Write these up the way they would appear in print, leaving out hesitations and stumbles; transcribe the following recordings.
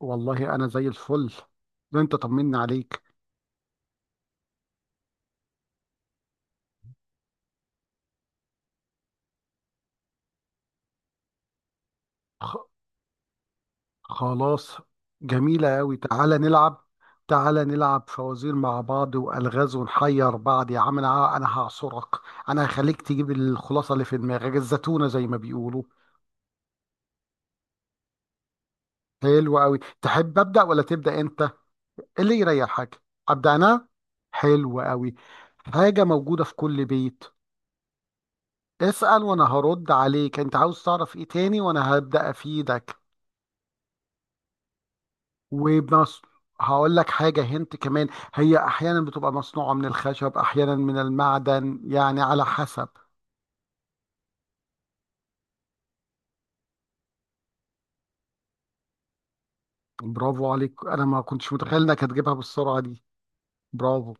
والله انا زي الفل. ده انت طمنا عليك. خ... خلاص. جميلة قوي، تعالى نلعب. تعالى نلعب فوازير مع بعض والغاز ونحير بعض، يا عم، انا هعصرك. انا هخليك تجيب الخلاصة اللي في دماغك الزتونة زي ما بيقولوا. حلو قوي، تحب ابدا ولا تبدا انت، إيه؟ اللي يريحك. ابدا انا. حلو قوي. حاجة موجودة في كل بيت. اسأل وانا هرد عليك. انت عاوز تعرف ايه تاني وانا هبدا افيدك. وبنص. هقول لك حاجة هنت كمان. هي أحيانا بتبقى مصنوعة من الخشب، أحيانا من المعدن، يعني على حسب. برافو عليك، أنا ما كنتش متخيل إنك هتجيبها بالسرعة دي. برافو.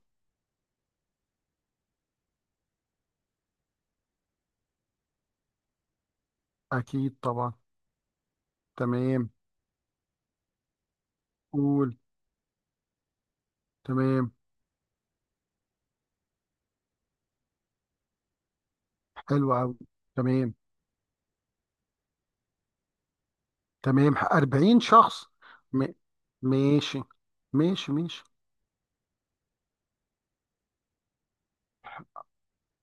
أكيد طبعا. تمام. قول. تمام. حلو أوي. تمام. تمام 40 شخص. م... ماشي. ماشي ماشي.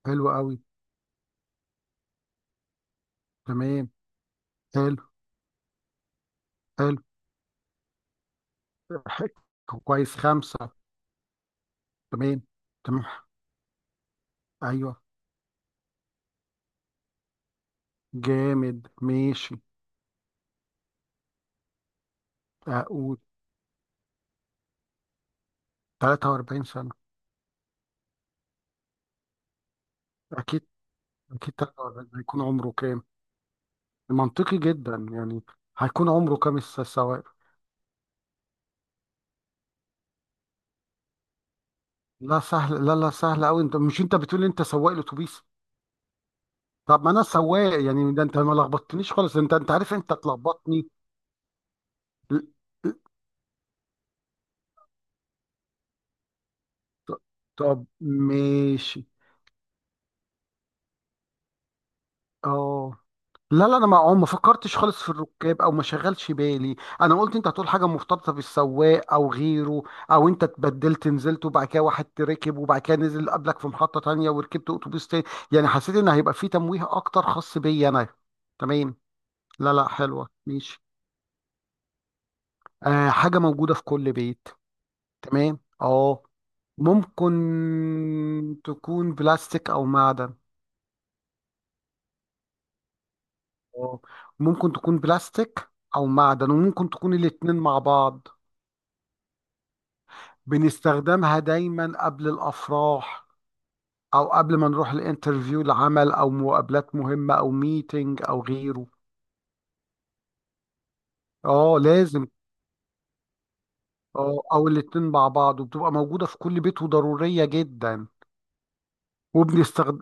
حلو أوي. تمام. حلو، حلو. ح- كويس خمسة. تمام، تمام، أيوه، جامد، ماشي. أقول 43 سنة. أكيد، أكيد 43 هيكون عمره كام؟ منطقي جدا يعني. هيكون عمره كام، السواق؟ لا سهل، لا لا سهل أوي، أنت مش أنت بتقول أنت سواق الأتوبيس؟ طب ما أنا سواق يعني، ده أنت ما لخبطتنيش خالص، أنت عارف أنت تلخبطني. ل- ل- ط- طب ماشي. أه. لا لا، انا ما فكرتش خالص في الركاب او ما شغلش بالي، انا قلت انت هتقول حاجه مرتبطه بالسواق او غيره. او انت اتبدلت نزلت وبعد كده واحد ركب وبعد كده نزل قبلك في محطه تانية وركبت اتوبيس تاني. يعني حسيت ان هيبقى في تمويه اكتر خاص بيا انا. تمام. لا لا، حلوه ماشي. آه، حاجه موجوده في كل بيت. تمام، اه. ممكن تكون بلاستيك او معدن. اه، ممكن تكون بلاستيك او معدن، وممكن تكون الاتنين مع بعض. بنستخدمها دايما قبل الأفراح. أو قبل ما نروح الانترفيو العمل، أو مقابلات مهمة، أو ميتنج، أو غيره. اه، لازم. اه، أو الاتنين مع بعض، وبتبقى موجودة في كل بيت وضرورية جدا. وبنستخدم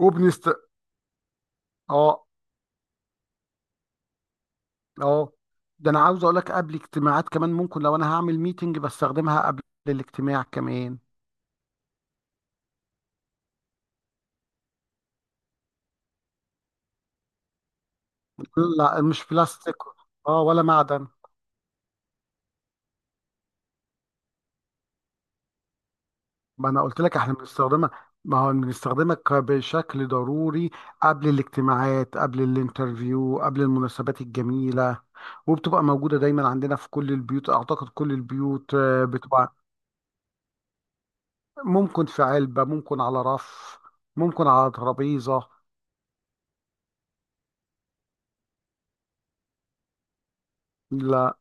وبنست اه اه ده أنا عاوز أقول لك قبل اجتماعات كمان، ممكن لو أنا هعمل ميتنج بستخدمها قبل الاجتماع كمان. لا، مش بلاستيك. اه، ولا معدن. ما انا قلت لك احنا بنستخدمها. ما هو بنستخدمها بشكل ضروري. قبل الاجتماعات، قبل الانترفيو، قبل المناسبات الجميلة. وبتبقى موجودة دايما عندنا في كل البيوت، اعتقد كل البيوت بتبقى. ممكن في علبة، ممكن على رف، ممكن على ترابيزة. لا،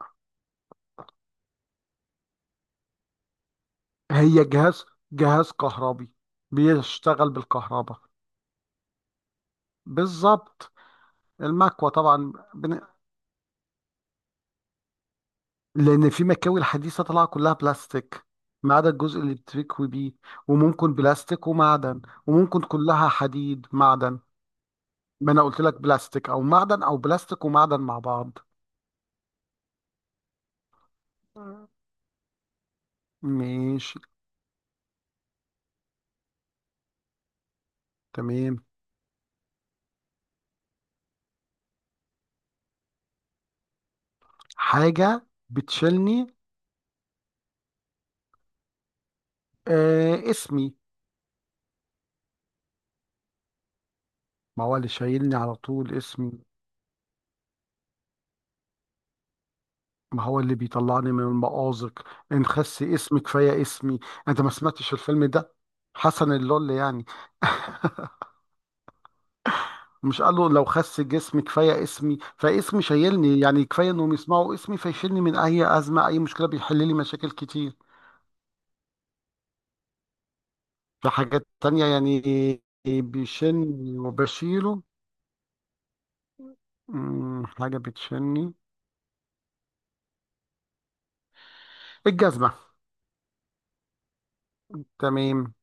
هي جهاز كهربي بيشتغل بالكهرباء. بالظبط، المكوة طبعا. لان في مكاوي الحديثه طالعه كلها بلاستيك، ما عدا الجزء اللي بتكوي بيه. وممكن بلاستيك ومعدن. وممكن كلها حديد معدن. ما انا قلت لك بلاستيك او معدن او بلاستيك ومعدن مع بعض. مم. ماشي. تمام. حاجه بتشيلني؟ آه، اسمي. ما هو اللي شايلني على طول اسمي. ما هو اللي بيطلعني من المأزق. ان خس اسمي كفايه اسمي. انت ما سمعتش الفيلم ده؟ حسن اللول يعني. مش قال له لو خس جسمي كفايه اسمي؟ فاسمي شايلني، يعني كفايه انهم يسمعوا اسمي فيشيلني من اي ازمه، اي مشكله بيحل لي مشاكل كتير. في حاجات تانية يعني. بيشيلني وبشيله. حاجه بتشيلني. الجزمه. تمام.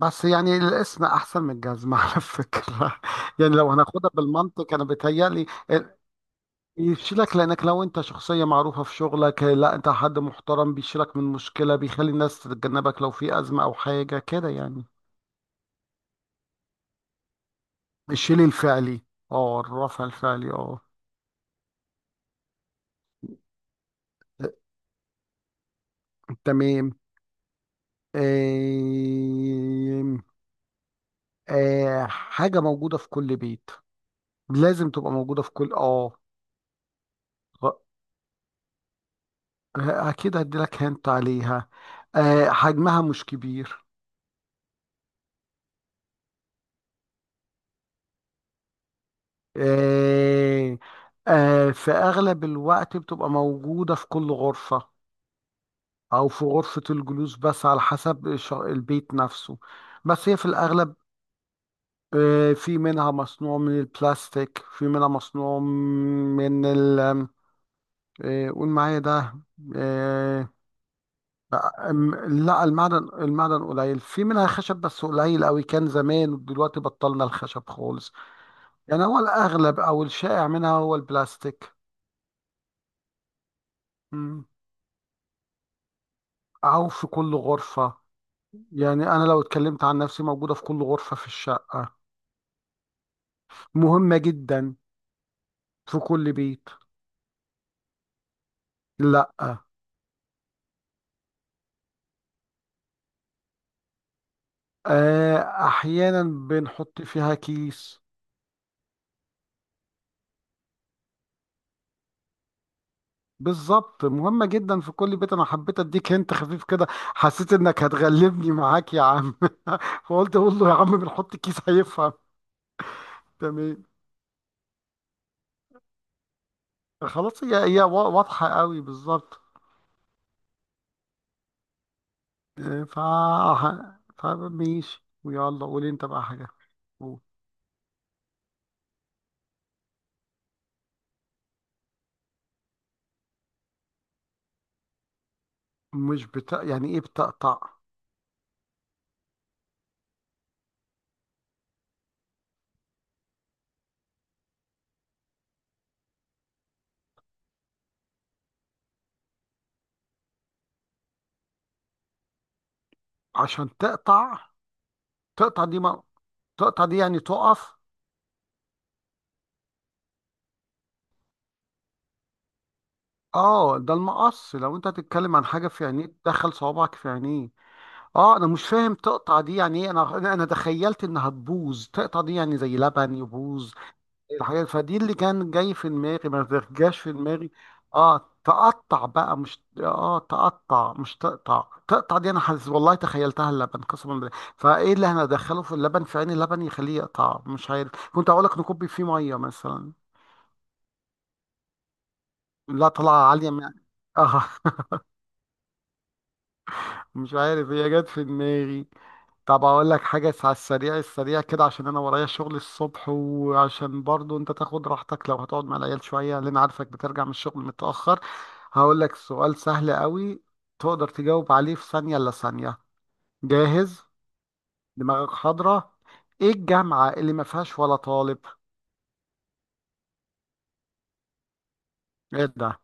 بس يعني الاسم احسن من الجزمه على فكره. يعني لو هناخدها بالمنطق، انا بتهيألي يشيلك لانك لو انت شخصيه معروفه في شغلك، لا، انت حد محترم بيشيلك من مشكله، بيخلي الناس تتجنبك لو في ازمه او حاجه كده يعني. الشيل الفعلي، اه، الرفع الفعلي، اه. تمام. آم، آه، حاجه موجوده في كل بيت. لازم تبقى موجوده في كل اه غ- اكيد هديلك هنت عليها. آه، حجمها مش كبير. آه. آه، في اغلب الوقت بتبقى موجوده في كل غرفه. أو في غرفة الجلوس، بس على حسب البيت نفسه. بس هي في الأغلب. في منها مصنوع من البلاستيك، في منها مصنوع من ال. آه، قول معايا ده. آه، لا، المعدن قليل، في منها خشب بس قليل قوي، كان زمان، ودلوقتي بطلنا الخشب خالص. يعني هو الأغلب أو الشائع منها هو البلاستيك. مم. أو في كل غرفة. يعني أنا لو اتكلمت عن نفسي، موجودة في كل غرفة في الشقة. مهمة جدا في كل بيت. لا. آه، احيانا بنحط فيها كيس. بالظبط، مهمة جدا في كل بيت، انا حبيت اديك، انت خفيف كده، حسيت انك هتغلبني معاك يا عم. فقلت اقول له يا عم بنحط كيس هيفهم. تمام. خلاص، هي واضحة قوي بالظبط. آه، ف فماشي، ويلا قول انت بقى حاجة. قول. مش بت... يعني ايه بتقطع؟ عشان تقطع. تقطع دي ما... تقطع دي يعني تقف؟ اه، ده المقص، لو انت هتتكلم عن حاجه في عينيه تدخل صوابعك في عينيه. اه، انا مش فاهم تقطع دي يعني ايه. انا انا أنا تخيلت انها تبوظ، تقطع دي يعني زي لبن يبوظ. الحاجات فدي اللي كان جاي في دماغي، ما جاش في دماغي. اه، تقطع بقى مش اه تقطع، مش تقطع، تقطع دي انا حاسس والله تخيلتها اللبن، قسما بالله. فايه اللي هندخله في اللبن في عين اللبن يخليه يقطع، مش عارف، كنت اقول لك نكب فيه ميه مثلا. لا، طلع عاليه. اه. مش عارف، هي جت في دماغي. طب اقول لك حاجه على السريع السريع كده، عشان انا ورايا شغل الصبح، وعشان برضو انت تاخد راحتك لو هتقعد مع العيال شويه، لان عارفك بترجع من الشغل متاخر. هقول لك سؤال سهل قوي. تقدر تجاوب عليه في ثانيه الا ثانيه. جاهز؟ دماغك حاضره؟ ايه الجامعه اللي ما فيهاش ولا طالب؟ ايه ده؟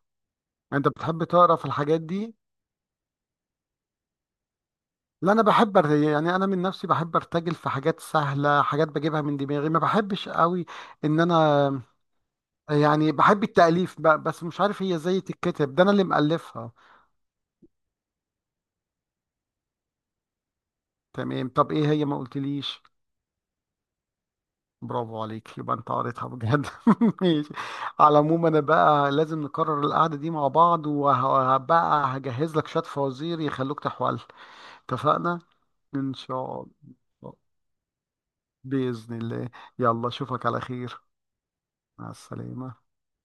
انت بتحب تقرا في الحاجات دي؟ لا، انا بحب يعني انا من نفسي بحب ارتجل في حاجات سهله، حاجات بجيبها من دماغي، ما بحبش قوي. ان انا، يعني بحب التأليف بقى، بس مش عارف هي ازاي تتكتب، ده انا اللي مألفها. تمام، طب ايه هي، ما قلتليش. برافو عليك، يبقى انت قريتها بجد. ماشي. على العموم، انا بقى لازم نكرر القعدة دي مع بعض، وهبقى هجهز لك شوية فوازير يخلوك تحول. اتفقنا. ان شاء الله. بإذن الله. يلا اشوفك على خير. مع السلامة.